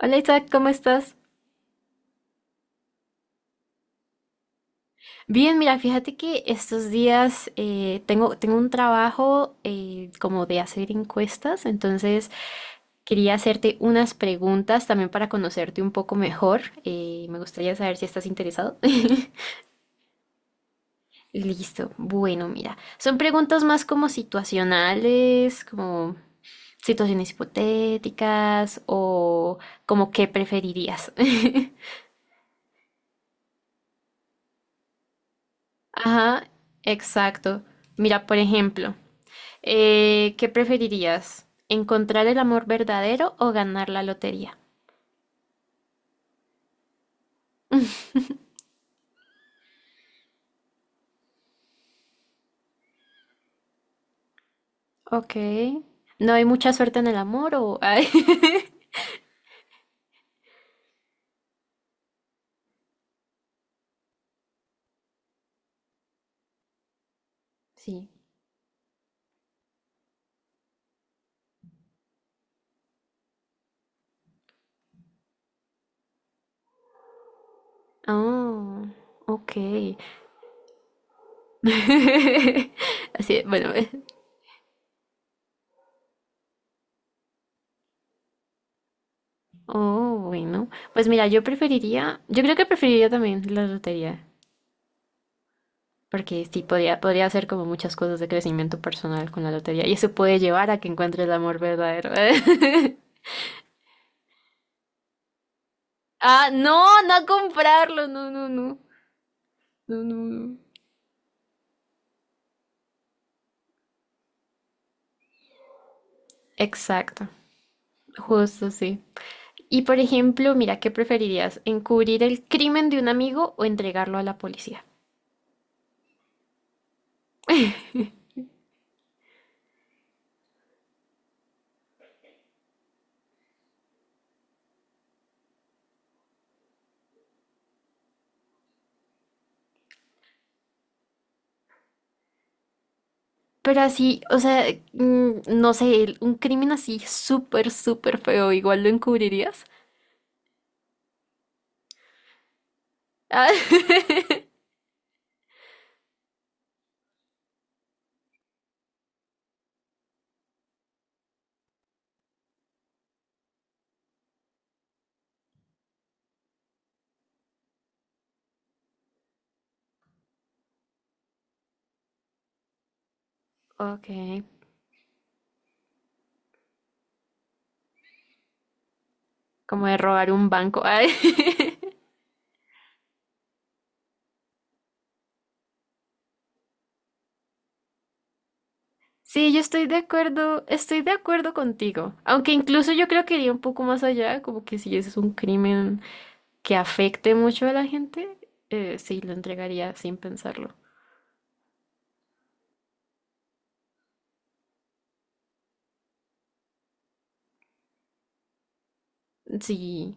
Hola, Isaac, ¿cómo estás? Bien, mira, fíjate que estos días tengo, tengo un trabajo, como de hacer encuestas, entonces quería hacerte unas preguntas también para conocerte un poco mejor. Me gustaría saber si estás interesado. Listo, bueno, mira, son preguntas más como situacionales, como situaciones hipotéticas o como qué preferirías. Ajá, exacto. Mira, por ejemplo. ¿Qué preferirías? ¿Encontrar el amor verdadero o ganar la lotería? Ok. ¿No hay mucha suerte en el amor o...? Ay. Sí. Oh, ok. Así, bueno. Oh, bueno. Pues mira, yo preferiría... Yo creo que preferiría también la lotería. Porque sí, podría hacer como muchas cosas de crecimiento personal con la lotería. Y eso puede llevar a que encuentre el amor verdadero. Ah, no, no a comprarlo. No, no, no. No, no, no. Exacto, justo sí. Y por ejemplo, mira, ¿qué preferirías? ¿Encubrir el crimen de un amigo o entregarlo a la policía? Pero así, o sea, mm, no sé, un crimen así súper, súper feo, ¿igual lo encubrirías? Ah. Ok, como de robar un banco. Ay. Sí, yo estoy de acuerdo contigo. Aunque incluso yo creo que iría un poco más allá, como que si ese es un crimen que afecte mucho a la gente, sí, lo entregaría sin pensarlo. Sí,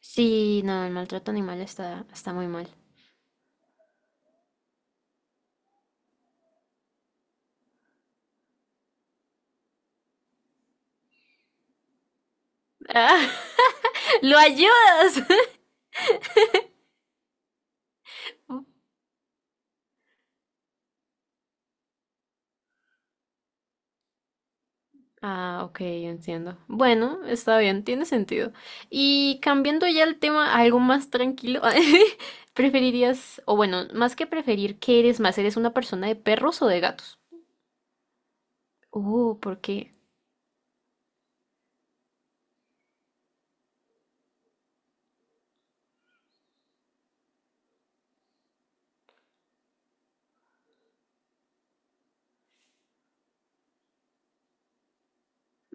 sí, no, el maltrato animal está, está muy mal. Ah. ¡Lo ayudas! Ah, ok, entiendo. Bueno, está bien, tiene sentido. Y cambiando ya el tema a algo más tranquilo, ¿preferirías, o bueno, más que preferir, qué eres más? ¿Eres una persona de perros o de gatos? ¿Por qué?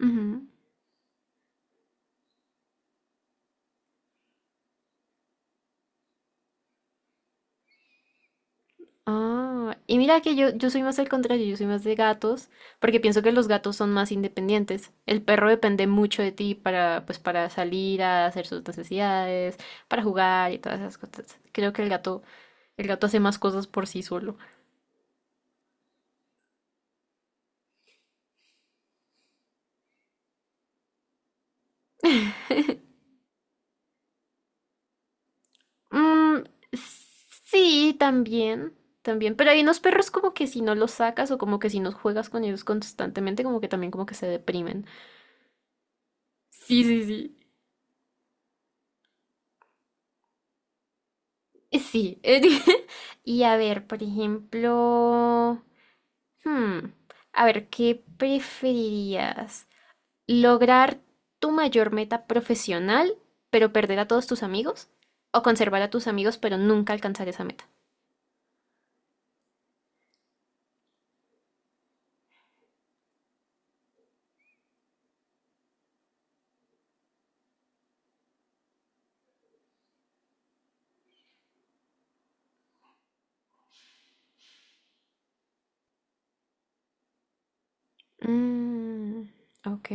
Ujú. Ah, y mira que yo soy más al contrario, yo soy más de gatos, porque pienso que los gatos son más independientes. El perro depende mucho de ti para, pues, para salir a hacer sus necesidades, para jugar y todas esas cosas. Creo que el gato hace más cosas por sí solo. Mm, sí, también, también. Pero hay unos perros como que si no los sacas o como que si no juegas con ellos constantemente, como que también como que se deprimen. Sí, sí, sí. Sí. Y a ver, por ejemplo. Hmm, A ver, ¿qué preferirías? ¿Lograr tu mayor meta profesional, pero perder a todos tus amigos? ¿O conservar a tus amigos, pero nunca alcanzar esa meta? Mm, ok.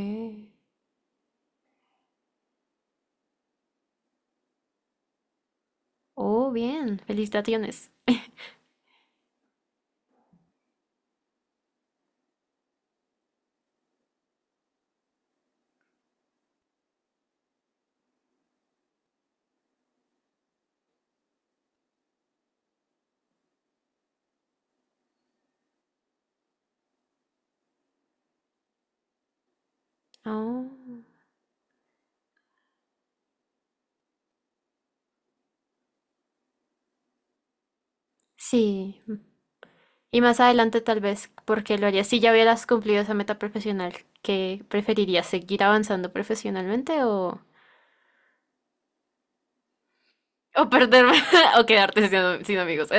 Oh, bien. Felicitaciones. Oh, sí. Y más adelante tal vez, porque lo harías si ya hubieras cumplido esa meta profesional. ¿Qué preferirías? ¿Seguir avanzando profesionalmente o perderme o quedarte sin, sin amigos?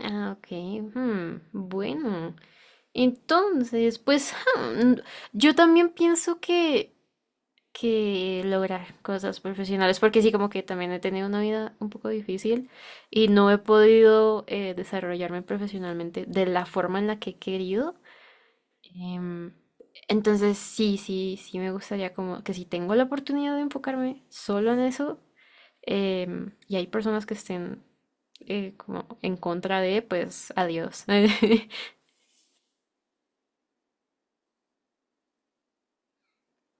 Ah, ok. Bueno, entonces, pues, yo también pienso que lograr cosas profesionales, porque sí, como que también he tenido una vida un poco difícil y no he podido, desarrollarme profesionalmente de la forma en la que he querido. Em, entonces, sí, sí, sí me gustaría como que si tengo la oportunidad de enfocarme solo en eso, y hay personas que estén como en contra de, pues adiós.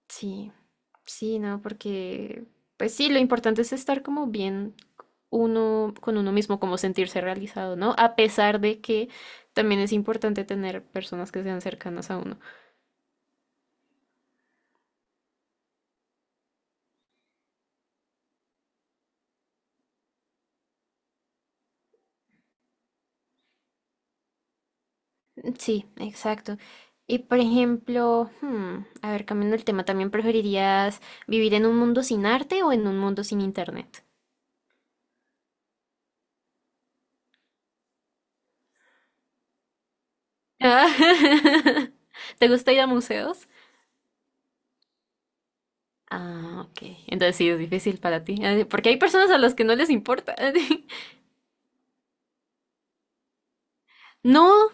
Sí, sí, no, porque, pues sí, lo importante es estar como bien uno con uno mismo, como sentirse realizado, ¿no? A pesar de que también es importante tener personas que sean cercanas a uno. Sí, exacto. Y por ejemplo, a ver, cambiando el tema, ¿también preferirías vivir en un mundo sin arte o en un mundo sin internet? Ah. ¿Te gusta ir a museos? Ah, ok. Entonces sí, es difícil para ti. Ah, porque hay personas a las que no les importa. No,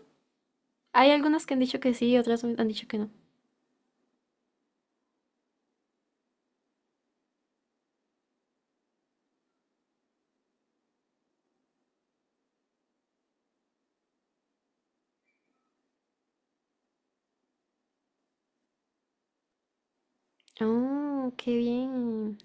hay algunas que han dicho que sí, otras han dicho que no. Oh, qué bien.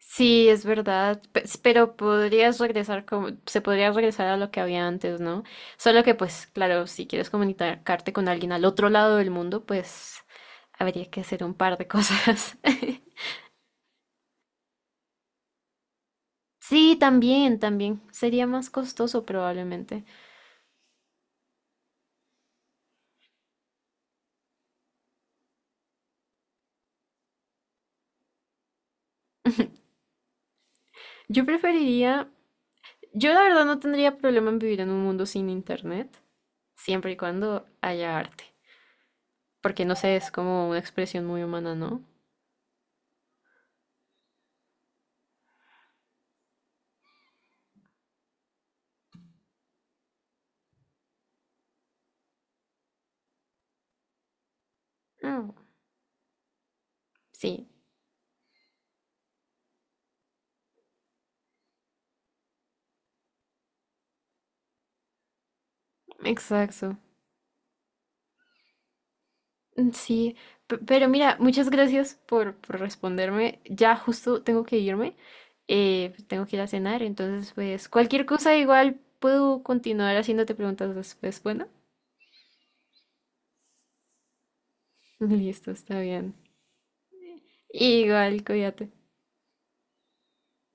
Sí, es verdad, pero podrías regresar como, se podría regresar a lo que había antes, ¿no? Solo que pues, claro, si quieres comunicarte con alguien al otro lado del mundo, pues habría que hacer un par de cosas. Sí, también, también. Sería más costoso probablemente. Yo preferiría, yo la verdad no tendría problema en vivir en un mundo sin internet, siempre y cuando haya arte. Porque no sé, es como una expresión muy humana, ¿no? Mm. Sí, exacto. Mm. Sí, pero mira, muchas gracias por responderme. Ya justo tengo que irme, pues tengo que ir a cenar, entonces pues cualquier cosa igual puedo continuar haciéndote preguntas después. Bueno, listo, está bien. Igual, cuídate.